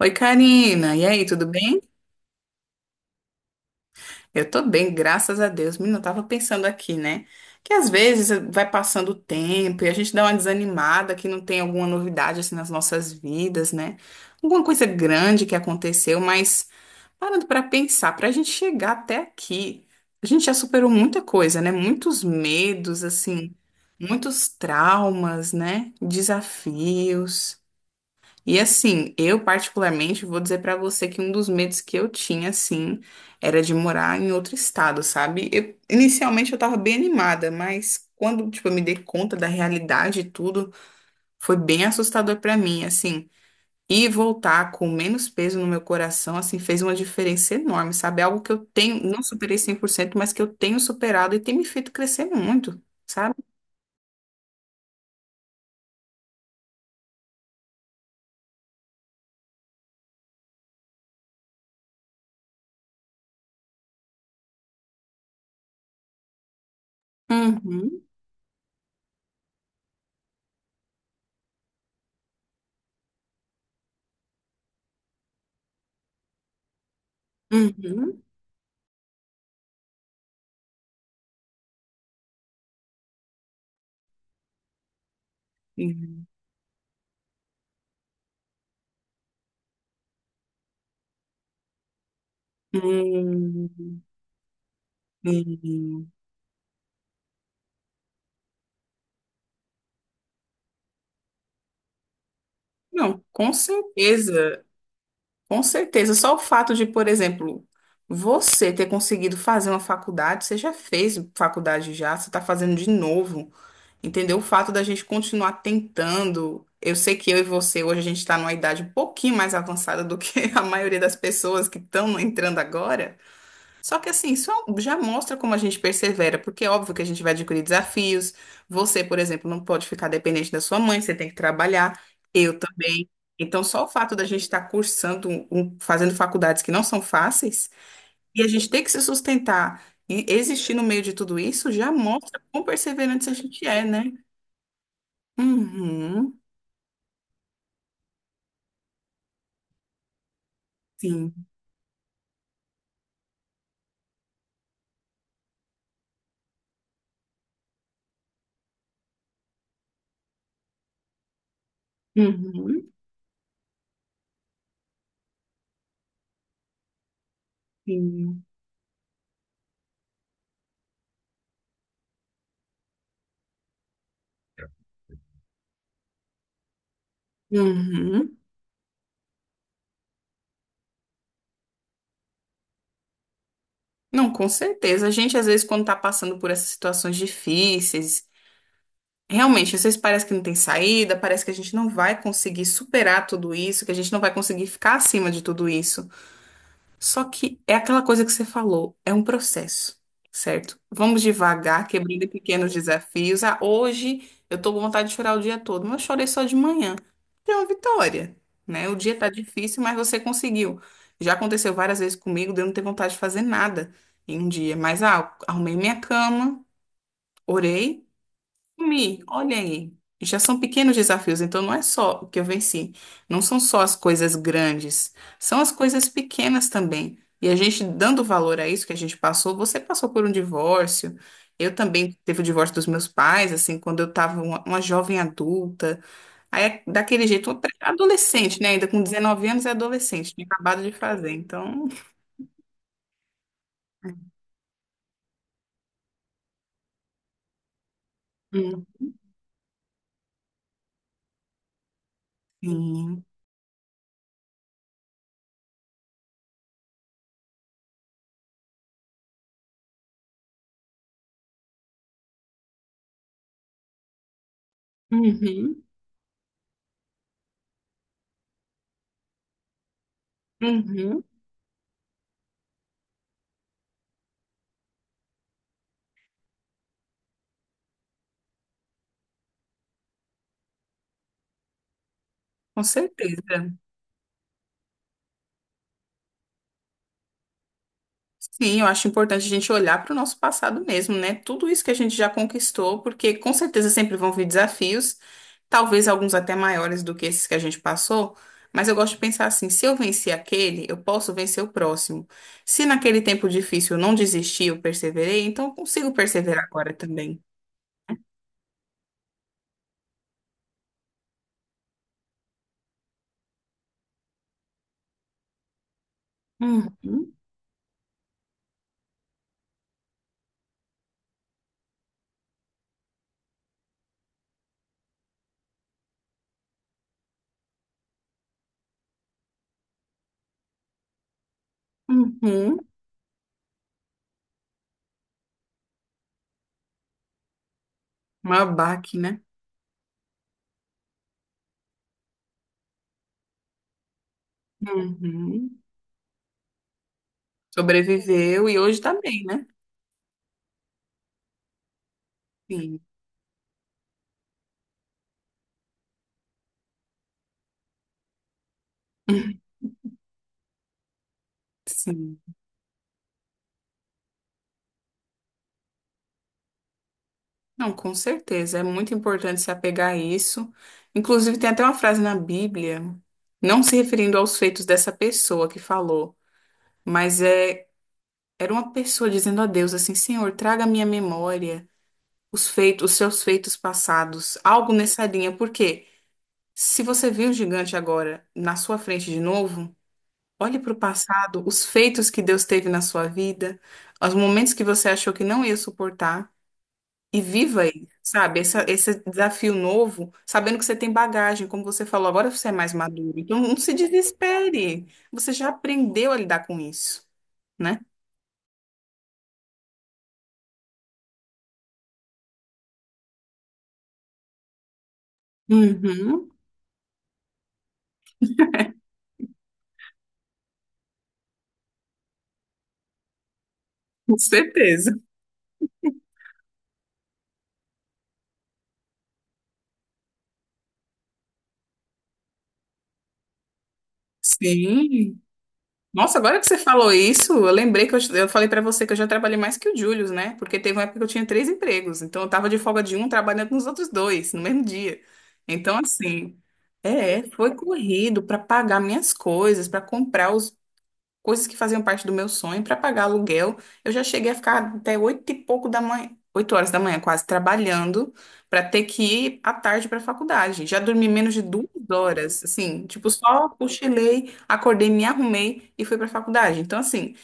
Oi, Karina. E aí, tudo bem? Eu tô bem, graças a Deus. Menina, eu tava pensando aqui, né? Que às vezes vai passando o tempo e a gente dá uma desanimada que não tem alguma novidade assim nas nossas vidas, né? Alguma coisa grande que aconteceu, mas parando pra pensar, pra gente chegar até aqui, a gente já superou muita coisa, né? Muitos medos, assim, muitos traumas, né? Desafios. E assim, eu particularmente vou dizer pra você que um dos medos que eu tinha, assim, era de morar em outro estado, sabe? Eu, inicialmente eu tava bem animada, mas quando, tipo, eu me dei conta da realidade e tudo, foi bem assustador pra mim, assim. E voltar com menos peso no meu coração, assim, fez uma diferença enorme, sabe? Algo que eu tenho, não superei 100% mas que eu tenho superado e tem me feito crescer muito, sabe? Uhum, uhum. Hum, hum. Não, com certeza, com certeza. Só o fato de, por exemplo, você ter conseguido fazer uma faculdade, você já fez faculdade já, você está fazendo de novo, entendeu? O fato da gente continuar tentando. Eu sei que eu e você hoje a gente está numa idade um pouquinho mais avançada do que a maioria das pessoas que estão entrando agora. Só que assim, isso é um, já mostra como a gente persevera, porque é óbvio que a gente vai adquirir desafios. Você, por exemplo, não pode ficar dependente da sua mãe, você tem que trabalhar, eu também. Então, só o fato da gente estar cursando, fazendo faculdades que não são fáceis, e a gente ter que se sustentar e existir no meio de tudo isso, já mostra quão perseverante a gente é, né? Uhum, sim. Uhum, sim. Uhum. Não, com certeza. A gente, às vezes, quando está passando por essas situações difíceis, realmente, às vezes parece que não tem saída, parece que a gente não vai conseguir superar tudo isso, que a gente não vai conseguir ficar acima de tudo isso. Só que é aquela coisa que você falou, é um processo, certo? Vamos devagar, quebrando em pequenos desafios. Ah, hoje eu tô com vontade de chorar o dia todo, mas eu chorei só de manhã. É uma vitória, né? O dia tá difícil, mas você conseguiu. Já aconteceu várias vezes comigo de eu não ter vontade de fazer nada em um dia, mas ah, arrumei minha cama, orei. Me, olha aí. Já são pequenos desafios, então não é só o que eu venci. Não são só as coisas grandes, são as coisas pequenas também. E a gente dando valor a isso que a gente passou, você passou por um divórcio, eu também teve o divórcio dos meus pais, assim, quando eu estava uma jovem adulta. Aí, é daquele jeito, uma pré- adolescente, né? Ainda com 19 anos é adolescente, tinha acabado de fazer. Então, hum, sim. Uhum, uhum, com certeza. Sim, eu acho importante a gente olhar para o nosso passado mesmo, né? Tudo isso que a gente já conquistou, porque com certeza sempre vão vir desafios, talvez alguns até maiores do que esses que a gente passou, mas eu gosto de pensar assim: se eu venci aquele, eu posso vencer o próximo. Se naquele tempo difícil eu não desisti, eu perseverei, então eu consigo perseverar agora também. Uhum, uhum. Um abaque, né? Uhum. Sobreviveu e hoje tá bem, né? Sim, sim. Não, com certeza. É muito importante se apegar a isso. Inclusive, tem até uma frase na Bíblia, não se referindo aos feitos dessa pessoa que falou, mas é, era uma pessoa dizendo a Deus assim: Senhor, traga à minha memória os feitos, os seus feitos passados, algo nessa linha. Porque se você viu o gigante agora na sua frente de novo, olhe para o passado, os feitos que Deus teve na sua vida, os momentos que você achou que não ia suportar. E viva aí, sabe? Essa, esse desafio novo, sabendo que você tem bagagem, como você falou, agora você é mais maduro. Então, não se desespere. Você já aprendeu a lidar com isso, né? Uhum, com certeza. Sim. Nossa, agora que você falou isso, eu lembrei que eu falei pra você que eu já trabalhei mais que o Július, né? Porque teve uma época que eu tinha três empregos. Então, eu tava de folga de um, trabalhando nos outros dois, no mesmo dia. Então, assim. É, foi corrido para pagar minhas coisas, para comprar os coisas que faziam parte do meu sonho para pagar aluguel. Eu já cheguei a ficar até oito e pouco da manhã, 8 horas da manhã quase trabalhando para ter que ir à tarde para a faculdade. Já dormi menos de 2 horas, assim, tipo só cochilei, acordei, me arrumei e fui para a faculdade. Então assim,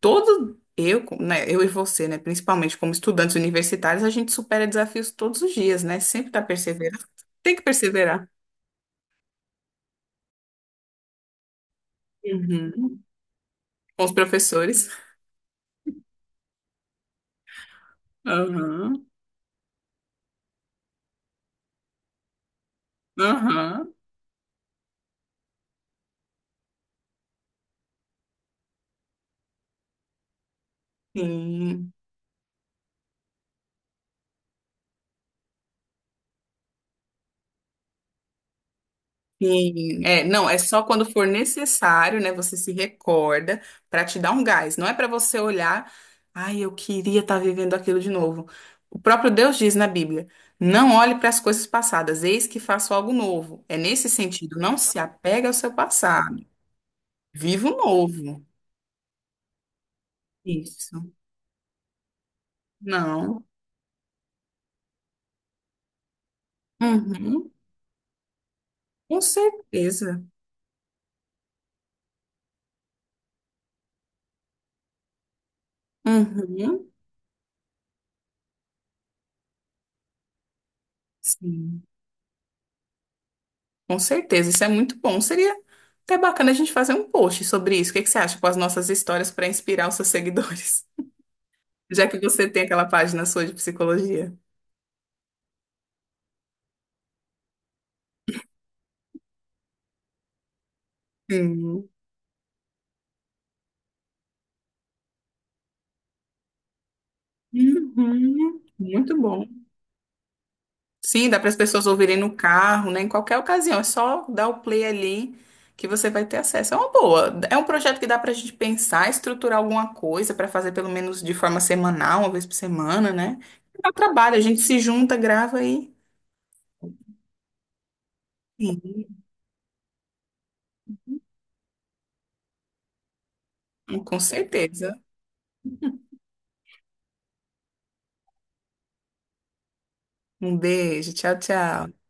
todo eu, né, eu e você, né, principalmente como estudantes universitários, a gente supera desafios todos os dias, né? Sempre tá perseverando. Tem que perseverar. Uhum. Com os professores. Aham, aham. Sim. Sim, é, não, é só quando for necessário, né? Você se recorda para te dar um gás. Não é para você olhar, ai, eu queria estar vivendo aquilo de novo. O próprio Deus diz na Bíblia: não olhe para as coisas passadas, eis que faço algo novo. É nesse sentido, não se apega ao seu passado. Viva o novo. Isso. Não. Uhum. Com certeza. Uhum. Sim. Com certeza, isso é muito bom. Seria até bacana a gente fazer um post sobre isso. O que que você acha com as nossas histórias para inspirar os seus seguidores? Já que você tem aquela página sua de psicologia. Sim. Uhum. Muito bom. Sim, dá para as pessoas ouvirem no carro, né? Em qualquer ocasião. É só dar o play ali que você vai ter acesso. É uma boa. É um projeto que dá para a gente pensar, estruturar alguma coisa para fazer pelo menos de forma semanal, uma vez por semana, né? Dá trabalho, a gente se junta, grava e. Sim, com certeza. Um beijo, tchau, tchau.